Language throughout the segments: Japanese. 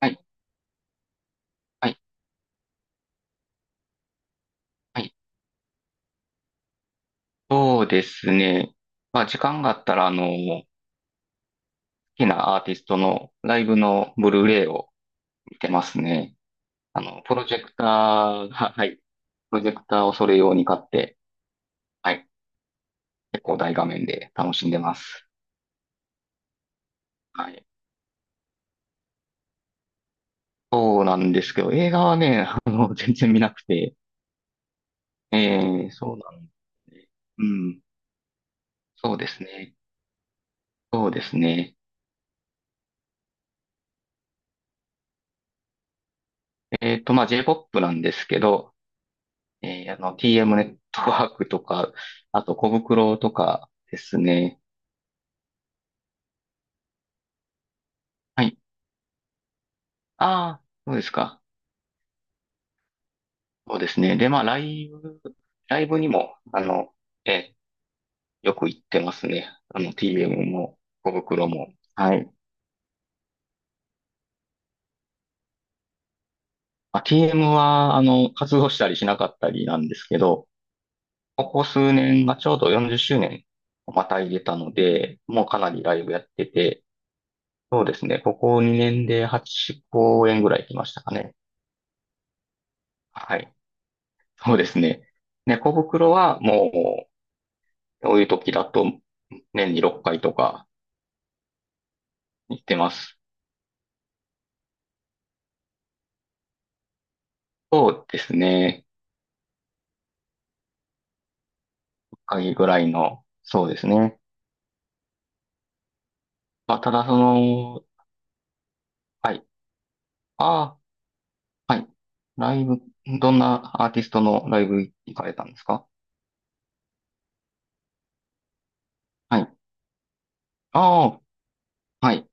はい、はい、はい。そうですね。まあ、時間があったら、好きなアーティストのライブのブルーレイを見てますね。プロジェクターが、はい、プロジェクターをそれ用に買って、はい、結構大画面で楽しんでます。はい。そうなんですけど、映画はね、全然見なくて、えそうなんですね。うん、そうですね。そうですね。まあ、J-POP なんですけど、TM ネットワークとか、あと、コブクロとかですね。はい。ああ、そうですか。そうですね。で、まあ、ライブにも、えーよく行ってますね。TM も、コブクロも。はい。まあ、TM は、活動したりしなかったりなんですけど、ここ数年がちょうど40周年をまた入れたので、もうかなりライブやってて、そうですね。ここ2年で8公演ぐらい来ましたかね。はい。そうですね。猫袋はもう、そういう時だと年に6回とか行ってます。そうですね。6回ぐらいの、そうですね。まあ、ただその、はい。ああ、はい。ライブ、どんなアーティストのライブ行かれたんですか？はい。ああ、はい、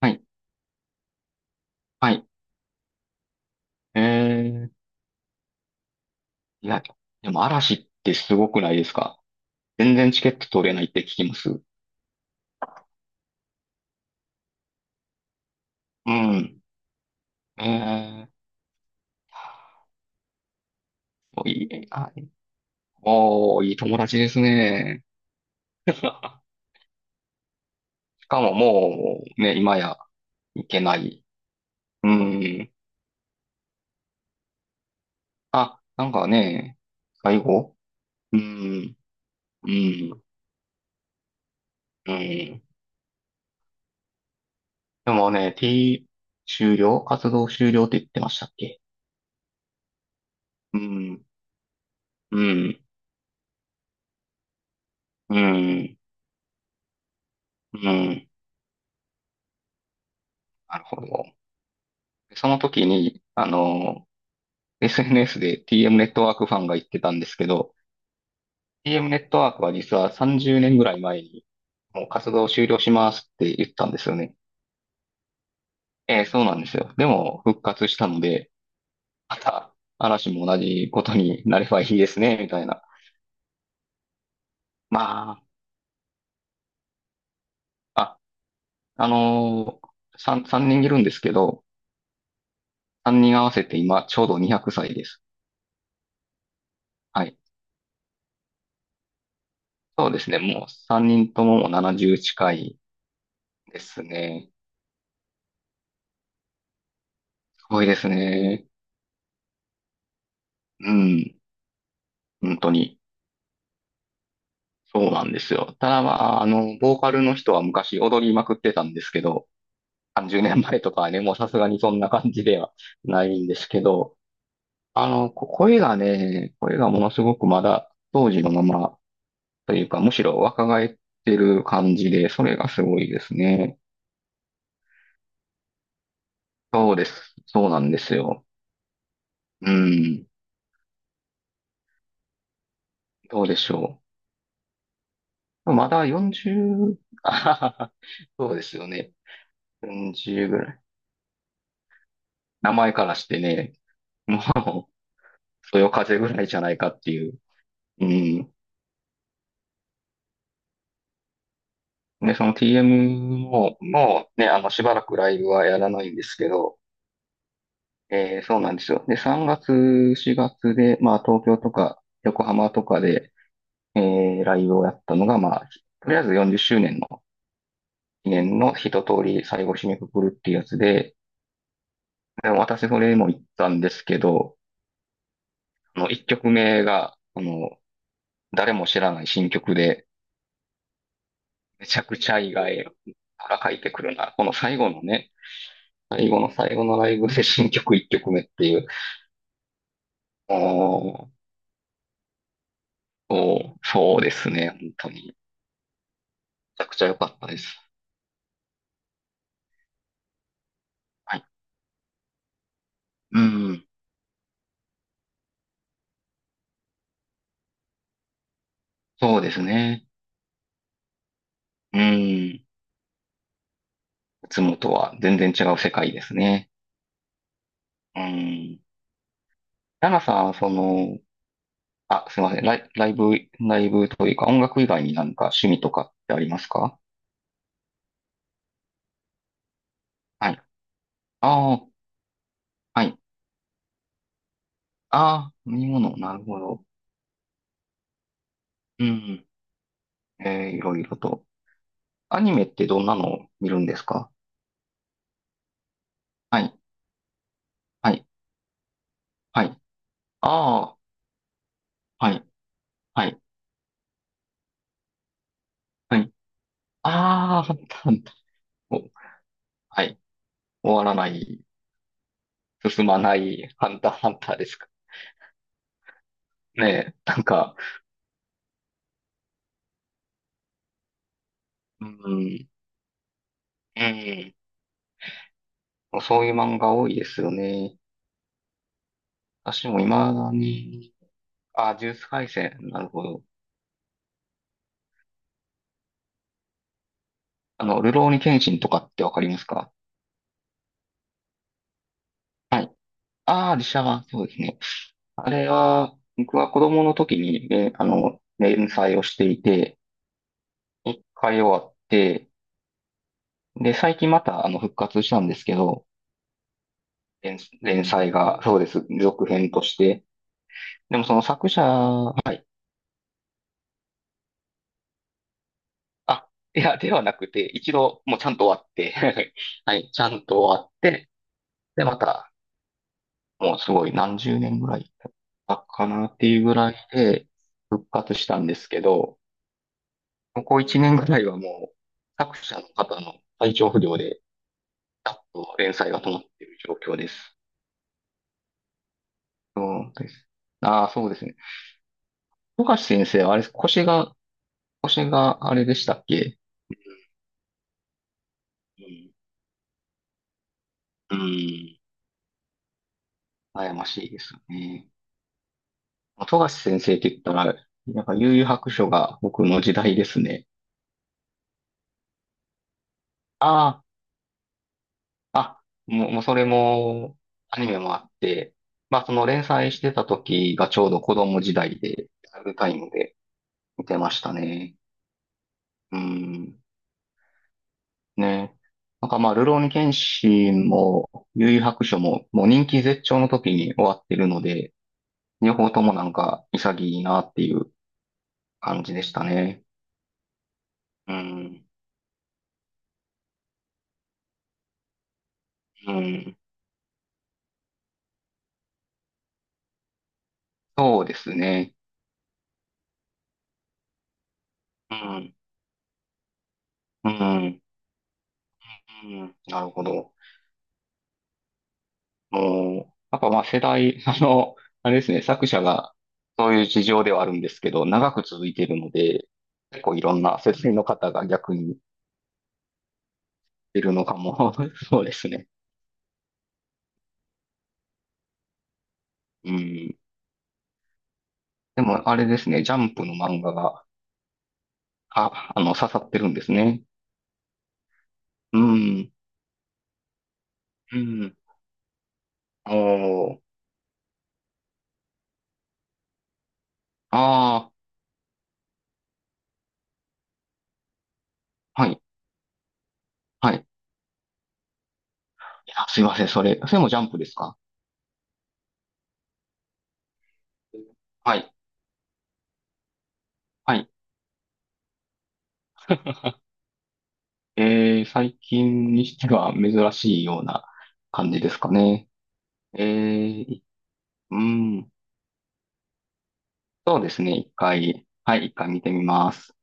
はい、はい。ええいや、でも嵐ってすごくないですか？全然チケット取れないって聞きます。うん。ええいい。おー、いい友達ですね。しかももうね、今やいけない。うん。あ、なんかね、最後うん、うん、うん。でもね、T 終了活動終了って言ってましたっけ？うん、うん、うん、うん。なるほど。でその時に、SNS で TM ネットワークファンが言ってたんですけど、TM ネットワークは実は30年ぐらい前にもう活動終了しますって言ったんですよね。ええ、そうなんですよ。でも復活したので、また嵐も同じことになればいいですね、みたいな。まあ、あ、あのー、3、三人いるんですけど、3人合わせて今ちょうど200歳です。はい。そうですね。もう3人とももう70近いですね。すごいですね。うん。本当に。そうなんですよ。ただまあ、ボーカルの人は昔踊りまくってたんですけど、30年前とかはね、もうさすがにそんな感じではないんですけど、あの、こ声がね、声がものすごくまだ当時のままというか、むしろ若返ってる感じで、それがすごいですね。そうです。そうなんですよ。うん。どうでしょう。まだ40、あはははそうですよね。40ぐらい。名前からしてね、もう、そよ風ぐらいじゃないかっていう。うん。で、その TM も、もうね、しばらくライブはやらないんですけど、そうなんですよ。で、3月、4月で、まあ、東京とか横浜とかで、ライブをやったのが、まあ、とりあえず40周年の記念の一通り最後締めくくるっていうやつで、でも私それも行ったんですけど、1曲目が、誰も知らない新曲で、めちゃくちゃ意外、ら書いてくるな。この最後のね、最後の最後のライブで新曲1曲目っていう、おー、そうそうですね。本当に。めちゃくちゃ良かったです。はい。うん。そうですね。うん。いつもとは全然違う世界ですね。うん。ラナさん、すいません。ライブというか音楽以外になんか趣味とかってありますか？はい。ああ、はい。ああ、飲み物、なるほど。うん。いろいろと。アニメってどんなのを見るんですか？はい。はい。はい。ああ、はい。はい。はいああ、ハンター、ハンター。おはい。終わらない、進まない、ハンター、ハンターですか。ねえ、なんか、うん、うん、そういう漫画多いですよね。私も未だに、あ、ジュース回戦、なるほど。ルローニケにシンとかってわかりますか？はい。ああ、実写版、そうですね。あれは、僕は子供の時に、ね、連載をしていて、一回終わって、で、最近また、復活したんですけど、連載が、そうです。続編として。でもその作者、はい。あ、いや、ではなくて、一度、もうちゃんと終わって、はい、ちゃんと終わって、で、また、もうすごい何十年ぐらい経ったかなっていうぐらいで復活したんですけど、ここ一年ぐらいはもう、作者の方の体調不良で、ちょっと連載が止まっている状況です。そうです。ああ、そうですね。富樫先生、あれ、腰があれでしたっけ？うんうん。悩ましいですよね。富樫先生って言ったら、なんか悠々白書が僕の時代ですね。あもうそれも、アニメもあって、まあその連載してた時がちょうど子供時代で、リアルタイムで見てましたね。うん。ね。なんかまあ、るろうに剣心も、悠々白書も、もう人気絶頂の時に終わってるので、両方ともなんか潔いなっていう感じでしたね。うん。うん。そうですね。うん、うん、うん、なるほど。もう、やっぱまあ世代、あれですね、作者がそういう事情ではあるんですけど、長く続いているので、結構いろんな世代の方が逆にいるのかも。そうですね。うん。でもあれですね、ジャンプの漫画が、刺さってるんですね。うん、うん。おー、ああ、はい、はい。いやすいません、それもジャンプですか？はい、はい。最近にしては珍しいような感じですかね。えー、いうん、そうですね。一回、はい、一回見てみます。